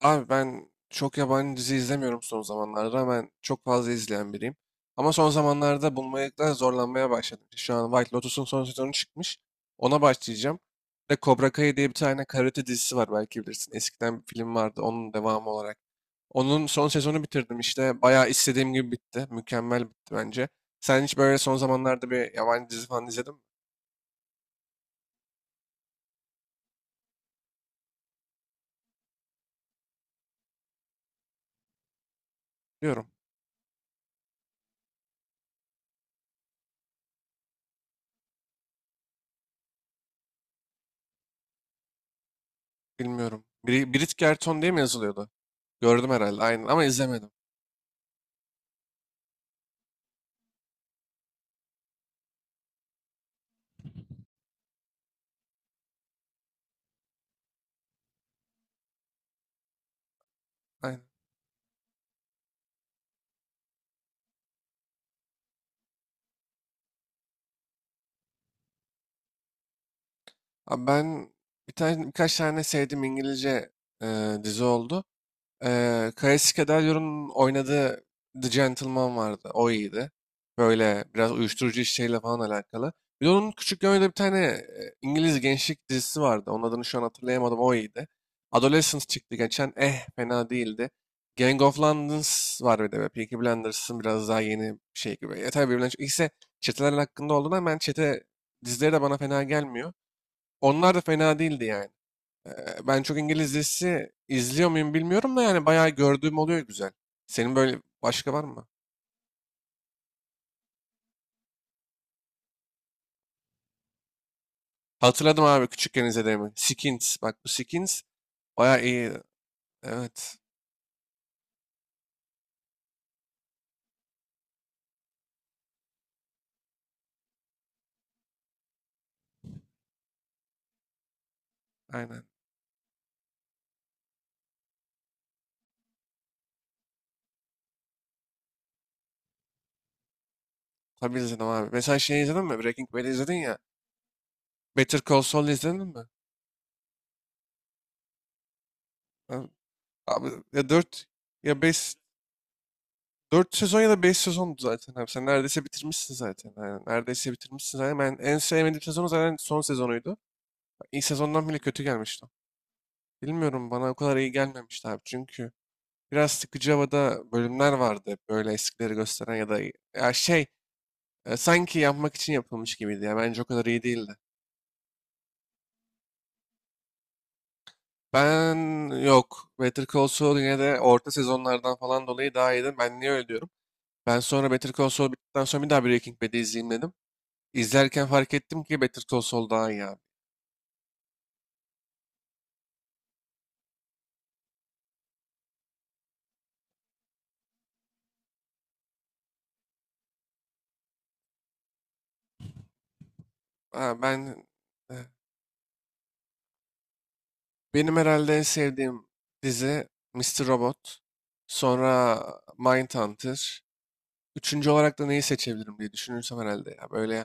Abi ben çok yabancı dizi izlemiyorum son zamanlarda. Ben çok fazla izleyen biriyim. Ama son zamanlarda bulmakta zorlanmaya başladım. İşte şu an White Lotus'un son sezonu çıkmış. Ona başlayacağım. Bir de Cobra Kai diye bir tane karate dizisi var belki bilirsin. Eskiden bir film vardı onun devamı olarak. Onun son sezonu bitirdim işte. Bayağı istediğim gibi bitti. Mükemmel bitti bence. Sen hiç böyle son zamanlarda bir yabancı dizi falan izledin mi? Biliyorum. Bilmiyorum. Brit Gerton diye mi yazılıyordu? Gördüm herhalde. Aynen ama izlemedim. Aynen. Abi ben birkaç tane sevdiğim İngilizce dizi oldu. Kaesi Kederyor'un oynadığı The Gentleman vardı. O iyiydi. Böyle biraz uyuşturucu işleriyle falan alakalı. Bir de onun küçükken oynadığı bir tane İngiliz gençlik dizisi vardı. Onun adını şu an hatırlayamadım. O iyiydi. Adolescence çıktı geçen. Eh fena değildi. Gang of London's var bir de. Böyle Peaky Blinders'ın biraz daha yeni bir şey gibi. Ya tabii birbirinden çok. İkisi çeteler hakkında olduğundan ben çete dizileri de bana fena gelmiyor. Onlar da fena değildi yani. Ben çok İngiliz dizisi izliyor muyum bilmiyorum da yani bayağı gördüğüm oluyor güzel. Senin böyle başka var mı? Hatırladım abi küçükken izlediğimi. Skins. Bak bu Skins bayağı iyi. Evet. Aynen. Tabii izledim abi. Mesela şey izledin mi? Breaking Bad izledin ya. Better Call Saul izledin mi? Ha, abi ya 4 ya beş, 4 sezon ya da 5 sezondu zaten abi. Sen neredeyse bitirmişsin zaten. Aynen. Neredeyse bitirmişsin zaten. Ben en sevmediğim sezonu zaten son sezonuydu. İlk sezondan bile kötü gelmişti. Bilmiyorum, bana o kadar iyi gelmemişti abi çünkü biraz sıkıcı havada bölümler vardı, hep böyle eskileri gösteren ya da ya şey, sanki yapmak için yapılmış gibiydi, ya bence o kadar iyi değildi. Ben, yok, Better Call Saul yine de orta sezonlardan falan dolayı daha iyiydi. Ben niye öyle diyorum? Ben sonra Better Call Saul bittikten sonra bir daha Breaking Bad'i izleyeyim dedim. İzlerken fark ettim ki Better Call Saul daha iyi abi. Ha, e, benim herhalde en sevdiğim dizi Mr. Robot, sonra Mindhunter. Üçüncü olarak da neyi seçebilirim diye düşünürsem herhalde ya. Böyle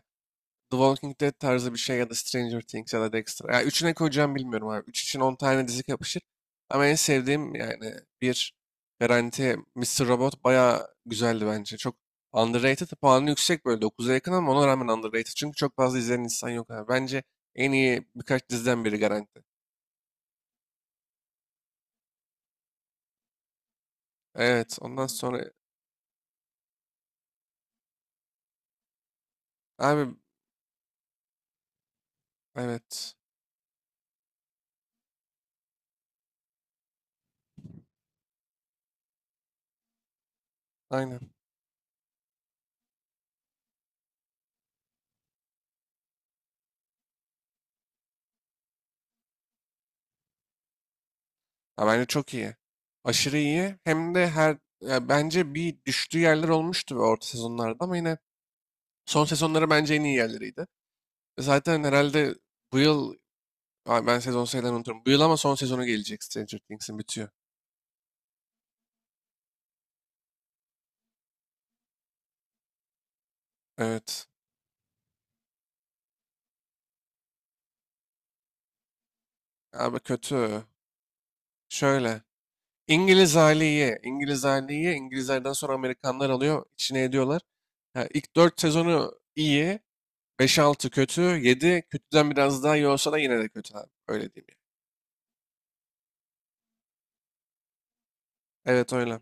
The Walking Dead tarzı bir şey ya da Stranger Things ya da Dexter. Ya üçüne koyacağım bilmiyorum abi. Üç için 10 tane dizi yapışır. Ama en sevdiğim yani bir garanti Mr. Robot bayağı güzeldi bence. Çok underrated, puanı yüksek böyle dokuz'a yakın ama ona rağmen underrated. Çünkü çok fazla izleyen insan yok abi. Bence en iyi birkaç diziden biri garanti. Evet ondan sonra abi evet aynen. Ya bence çok iyi. Aşırı iyi. Hem de her, ya bence bir düştüğü yerler olmuştu ve orta sezonlarda ama yine son sezonları bence en iyi yerleriydi. Ve zaten herhalde bu yıl, ay, ben sezon sayılarını unuturum. Bu yıl ama son sezonu gelecek, Stranger Things'in bitiyor. Evet. Abi kötü. Şöyle. İngiliz hali iyi. İngiliz hali iyi. İngilizlerden sonra Amerikanlar alıyor, içine ediyorlar. Ya ilk 4 sezonu iyi. Beş altı kötü. Yedi kötüden biraz daha iyi olsa da yine de kötü abi. Öyle diyeyim. Yani. Evet öyle.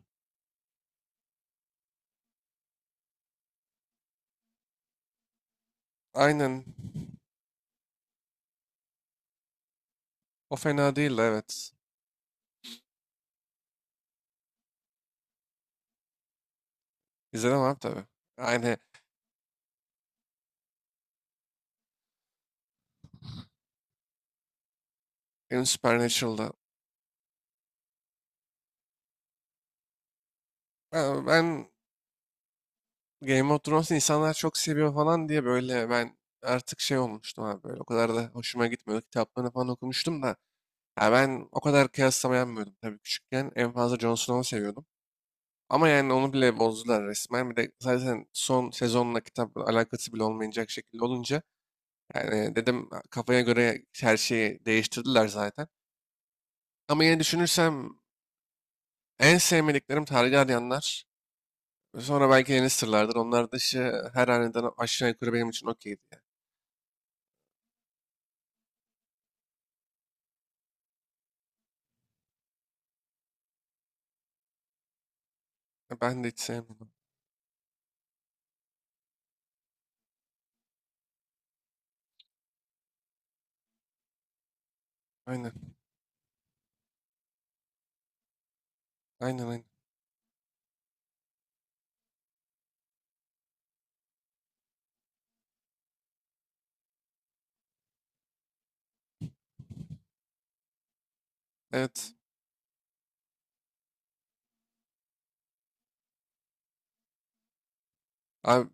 Aynen. O fena değildi evet. İzledim abi tabii. Aynı, benim Supernatural'da. Ben Game of Thrones'u insanlar çok seviyor falan diye böyle ben artık şey olmuştum abi böyle. O kadar da hoşuma gitmiyordu. Kitaplarını falan okumuştum da. Ya ben o kadar kıyaslama yapmıyordum tabii küçükken. En fazla Jon Snow'u seviyordum. Ama yani onu bile bozdular resmen. Bir de zaten son sezonla kitap alakası bile olmayacak şekilde olunca. Yani dedim, kafaya göre her şeyi değiştirdiler zaten. Ama yine düşünürsem en sevmediklerim tarihi arayanlar. Sonra belki yeni sırlardır. Onlar dışı her aniden aşağı yukarı benim için okeydi. Yani. Ha, ben de hiç sevmiyorum. Aynen. Aynen aynen. Evet. Abi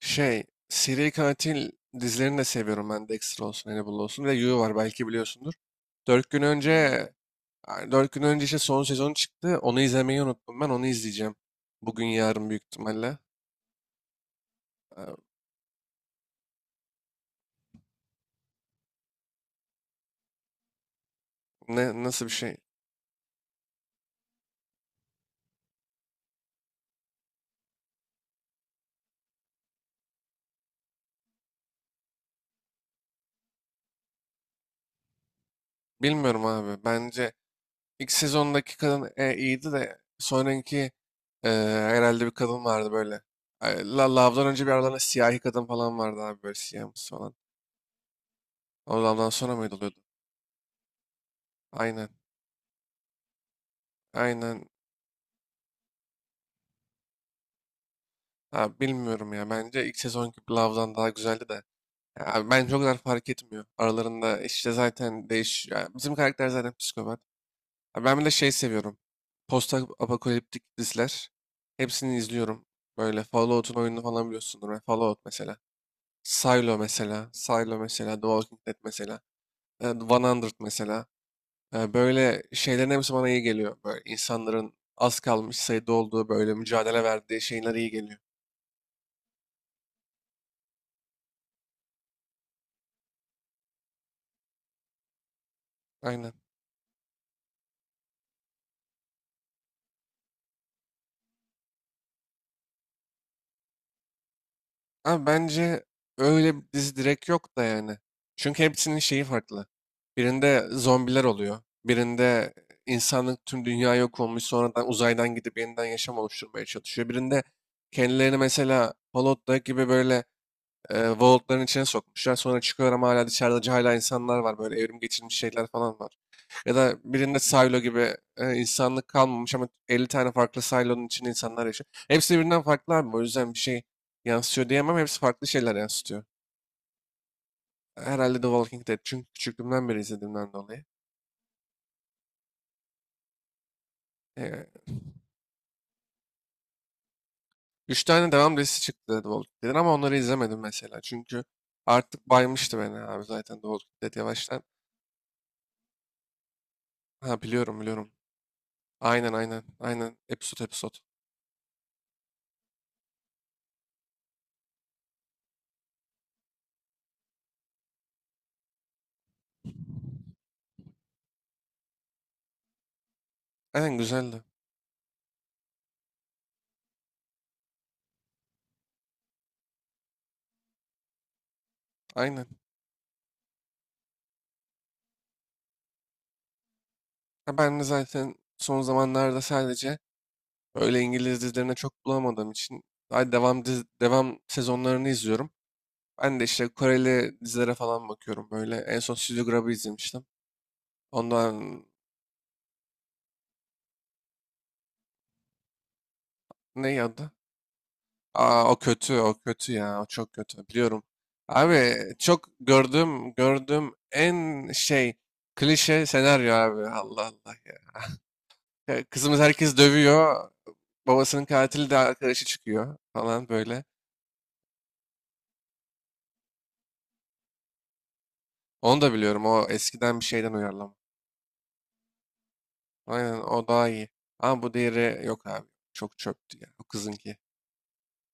şey, seri katil dizilerini de seviyorum ben. Dexter olsun, Hannibal olsun. Bir de You var belki biliyorsundur. Dört gün önce, yani dört gün önce işte son sezonu çıktı. Onu izlemeyi unuttum. Ben onu izleyeceğim. Bugün yarın büyük ihtimalle. Ee, Ne, nasıl bir şey? Bilmiyorum abi. Bence İlk sezondaki kadın iyiydi de sonraki e, herhalde bir kadın vardı böyle. Ay, Love'dan önce bir aralarında siyahi kadın falan vardı abi, böyle siyahımsı falan. O Love'dan sonra mıydı oluyordu? Aynen. Aynen. Abi bilmiyorum ya. Bence ilk sezonki Love'dan daha güzeldi de. Ya abi bence o kadar fark etmiyor. Aralarında işte zaten değiş... ya bizim karakter zaten psikopat. Abi ben bir de şey seviyorum: post-apokaliptik diziler. Hepsini izliyorum. Böyle Fallout'un oyununu falan biliyorsundur. Ben Fallout mesela. Silo mesela, Silo mesela, The Walking Dead mesela, The 100 mesela. Böyle şeylerin hepsi bana iyi geliyor. Böyle insanların az kalmış sayıda olduğu, böyle mücadele verdiği şeyler iyi geliyor. Aynen. Ama bence öyle bir dizi direkt yok da yani. Çünkü hepsinin şeyi farklı. Birinde zombiler oluyor. Birinde insanlık, tüm dünya yok olmuş, sonradan uzaydan gidip yeniden yaşam oluşturmaya çalışıyor. Birinde kendilerini mesela Fallout'taki gibi böyle vaultların içine sokmuşlar. Sonra çıkıyorum hala dışarıda hala insanlar var. Böyle evrim geçirmiş şeyler falan var. Ya da birinde silo gibi insanlık kalmamış ama 50 tane farklı silo'nun içinde insanlar yaşıyor. Hepsi birbirinden farklı abi. O yüzden bir şey yansıtıyor diyemem. Hepsi farklı şeyler yansıtıyor. Herhalde The Walking Dead. Çünkü küçüklüğümden beri izlediğimden dolayı. E, üç tane devam dizisi çıktı The Walking Dead'in, ama onları izlemedim mesela. Çünkü artık baymıştı beni abi zaten The Walking Dead yavaştan. Ha biliyorum biliyorum. Aynen aynen aynen, episode episode. Aynen güzeldi. Aynen. Ha, ben de zaten son zamanlarda sadece öyle İngiliz dizilerine çok bulamadığım için daha devam sezonlarını izliyorum. Ben de işte Koreli dizilere falan bakıyorum böyle. En son Studio Grab'ı izlemiştim. Ondan, ne adı? Aa o kötü, o kötü ya. O çok kötü. Biliyorum. Abi çok gördüm en şey, klişe senaryo abi. Allah Allah ya. Ya kızımız, herkes dövüyor. Babasının katili de arkadaşı çıkıyor falan böyle. Onu da biliyorum. O eskiden bir şeyden uyarlama. Aynen o daha iyi. Ama bu diğeri yok abi. Çok çöptü ya. O kızınki.